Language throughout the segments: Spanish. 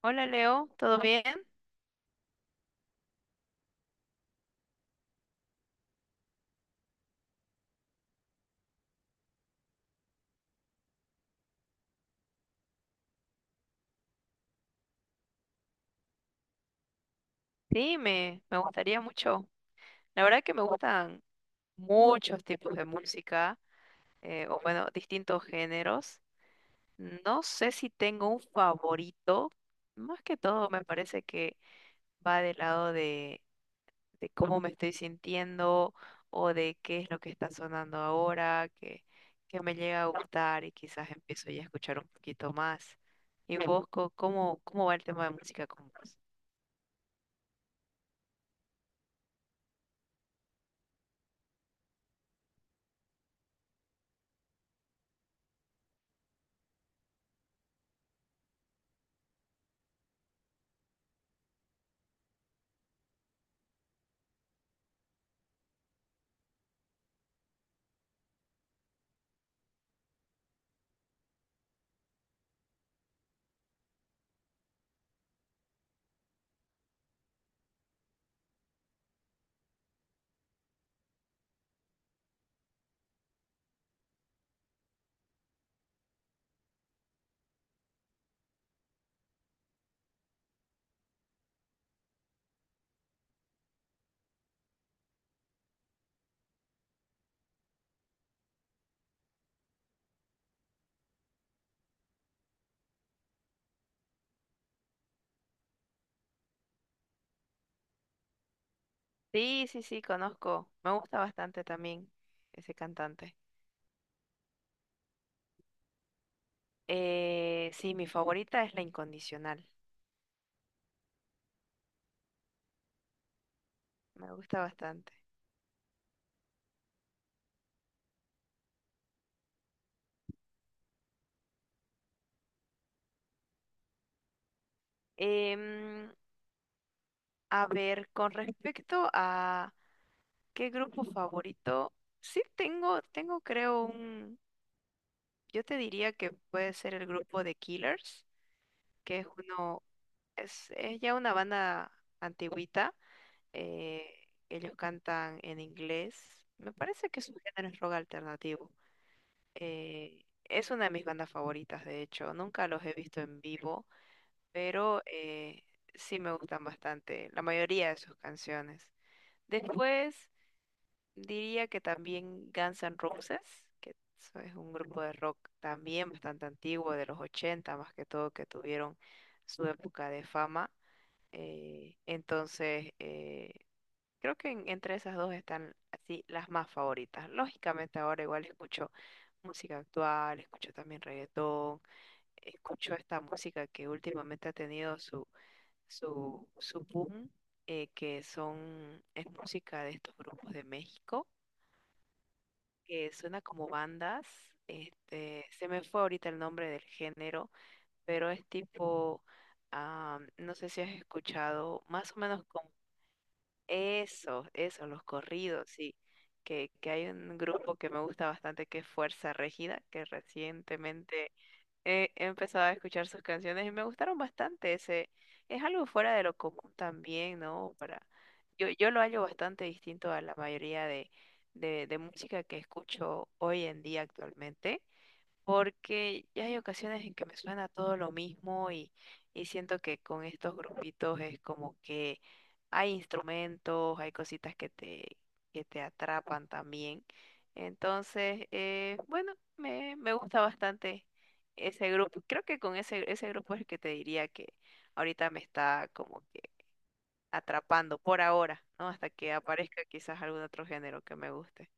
Hola Leo, ¿todo bien? Sí, me gustaría mucho. La verdad que me gustan muchos tipos de música, o bueno, distintos géneros. No sé si tengo un favorito. Más que todo me parece que va del lado de cómo me estoy sintiendo o de qué es lo que está sonando ahora, que me llega a gustar y quizás empiezo ya a escuchar un poquito más. ¿Y vos cómo va el tema de música con vos? Sí, sí, sí, conozco. Me gusta bastante también ese cantante. Sí, mi favorita es La Incondicional. Me gusta bastante. Em, a ver, con respecto a qué grupo favorito, sí tengo creo un, yo te diría que puede ser el grupo de Killers, que es uno, es ya una banda antigüita. eh, Ellos cantan en inglés. Me parece que su género es rock alternativo. eh, es una de mis bandas favoritas, de hecho. Nunca los he visto en vivo, pero sí me gustan bastante la mayoría de sus canciones. Después diría que también Guns N' Roses, que eso es un grupo de rock también bastante antiguo, de los 80 más que todo, que tuvieron su época de fama. Entonces, creo que entre esas dos están así las más favoritas. Lógicamente ahora igual escucho música actual, escucho también reggaetón, escucho esta música que últimamente ha tenido su boom, es música de estos grupos de México, que suena como bandas. Se me fue ahorita el nombre del género, pero es tipo, no sé si has escuchado, más o menos. Eso, los corridos, sí. Que hay un grupo que me gusta bastante que es Fuerza Regida, que recientemente he empezado a escuchar sus canciones y me gustaron bastante. Es algo fuera de lo común también, ¿no? Yo lo hallo bastante distinto a la mayoría de música que escucho hoy en día actualmente, porque ya hay ocasiones en que me suena todo lo mismo y siento que con estos grupitos es como que hay instrumentos, hay cositas que te atrapan también. Entonces, bueno, me gusta bastante ese grupo. Creo que con ese grupo es el que te diría que ahorita me está como que atrapando por ahora, ¿no? Hasta que aparezca quizás algún otro género que me guste.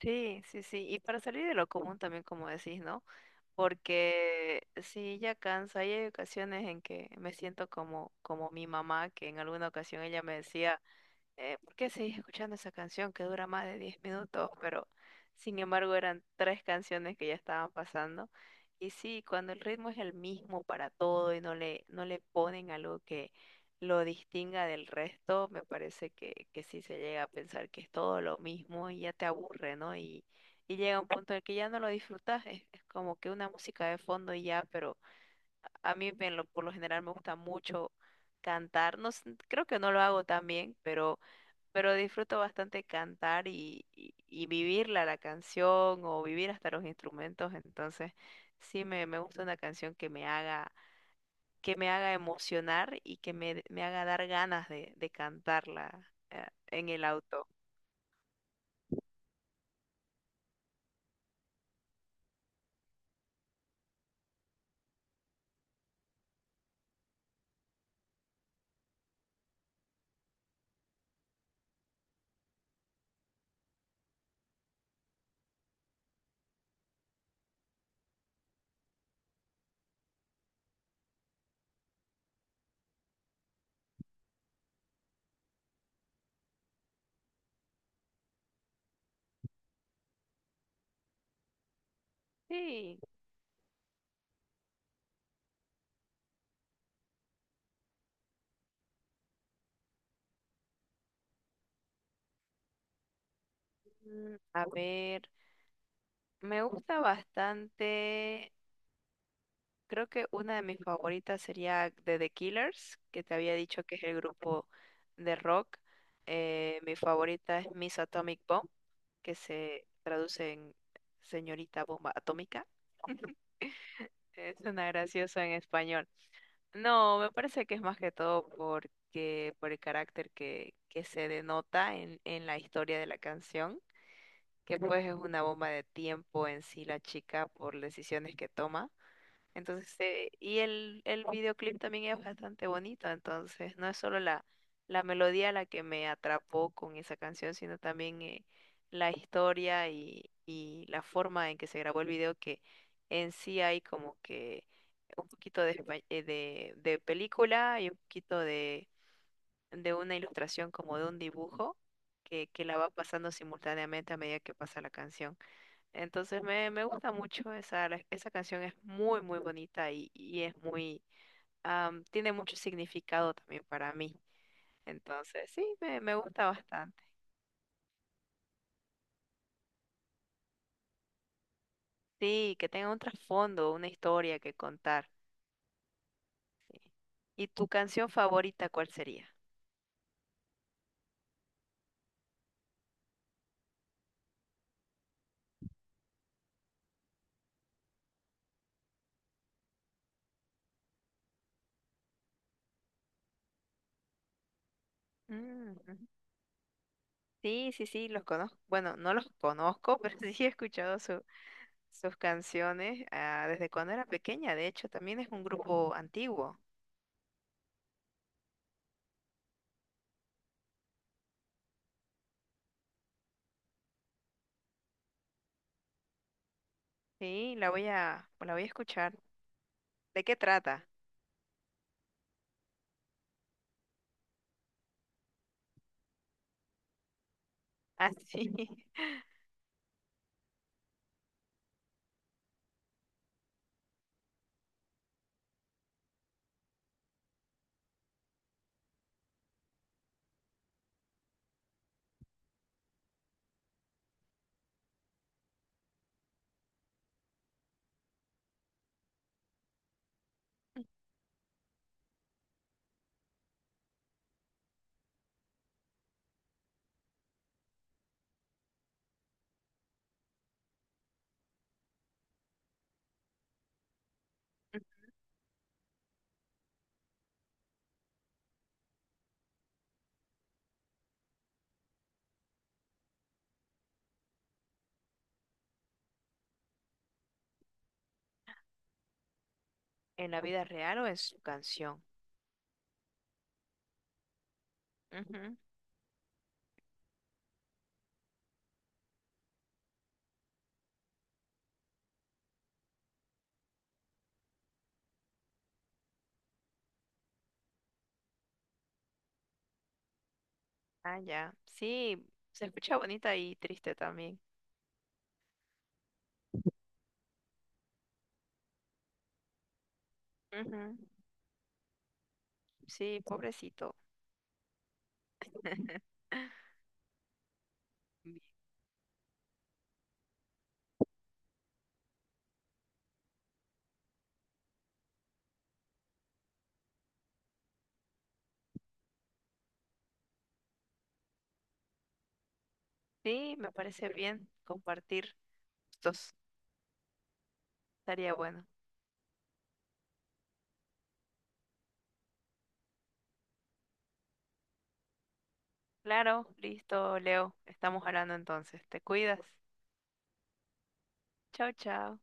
Sí, sí, sí. Y para salir de lo común también, como decís, ¿no? Porque sí, ya cansa. Hay ocasiones en que me siento como mi mamá, que en alguna ocasión ella me decía, ¿por qué seguís escuchando esa canción que dura más de 10 minutos? Pero sin embargo eran tres canciones que ya estaban pasando. Y sí, cuando el ritmo es el mismo para todo y no le ponen algo que lo distinga del resto, me parece que sí se llega a pensar que es todo lo mismo y ya te aburre, ¿no? Y llega un punto en el que ya no lo disfrutas, es como que una música de fondo y ya, pero a mí por lo general me gusta mucho cantar, no sé, creo que no lo hago tan bien, pero disfruto bastante cantar y, y vivirla la canción o vivir hasta los instrumentos, entonces sí me gusta una canción que me haga emocionar y que me haga dar ganas de cantarla en el auto. Sí, a ver, me gusta bastante. Creo que una de mis favoritas sería de The Killers, que te había dicho que es el grupo de rock. Mi favorita es Miss Atomic Bomb, que se traduce en Señorita Bomba Atómica. Es una graciosa en español. No, me parece que es más que todo porque por el carácter que se denota en la historia de la canción, que pues es una bomba de tiempo en sí la chica por decisiones que toma. Entonces, y el videoclip también es bastante bonito, entonces no es solo la melodía la que me atrapó con esa canción, sino también la historia y la forma en que se grabó el video, que en sí hay como que un poquito de película y un poquito de una ilustración como de un dibujo que la va pasando simultáneamente a medida que pasa la canción. Entonces me gusta mucho esa canción, es muy, muy bonita, y tiene mucho significado también para mí. Entonces, sí, me gusta bastante. Sí, que tenga un trasfondo, una historia que contar. Sí. ¿Y tu canción favorita cuál sería? Mm, ujú. Sí, sí, sí, los conozco. Bueno, no los conozco, pero sí he escuchado sus canciones desde cuando era pequeña. De hecho, también es un grupo antiguo. Sí, la voy a escuchar. ¿De qué trata? Así, ¿en la vida real o en su canción? Ujú. Ah, ya. Sí, se escucha bonita y triste también. Ujú. Sí, pobrecito. Bien. Sí, me parece bien compartir estos. Estaría bueno. Claro, listo, Leo. Estamos hablando entonces. Te cuidas. Chao, chao.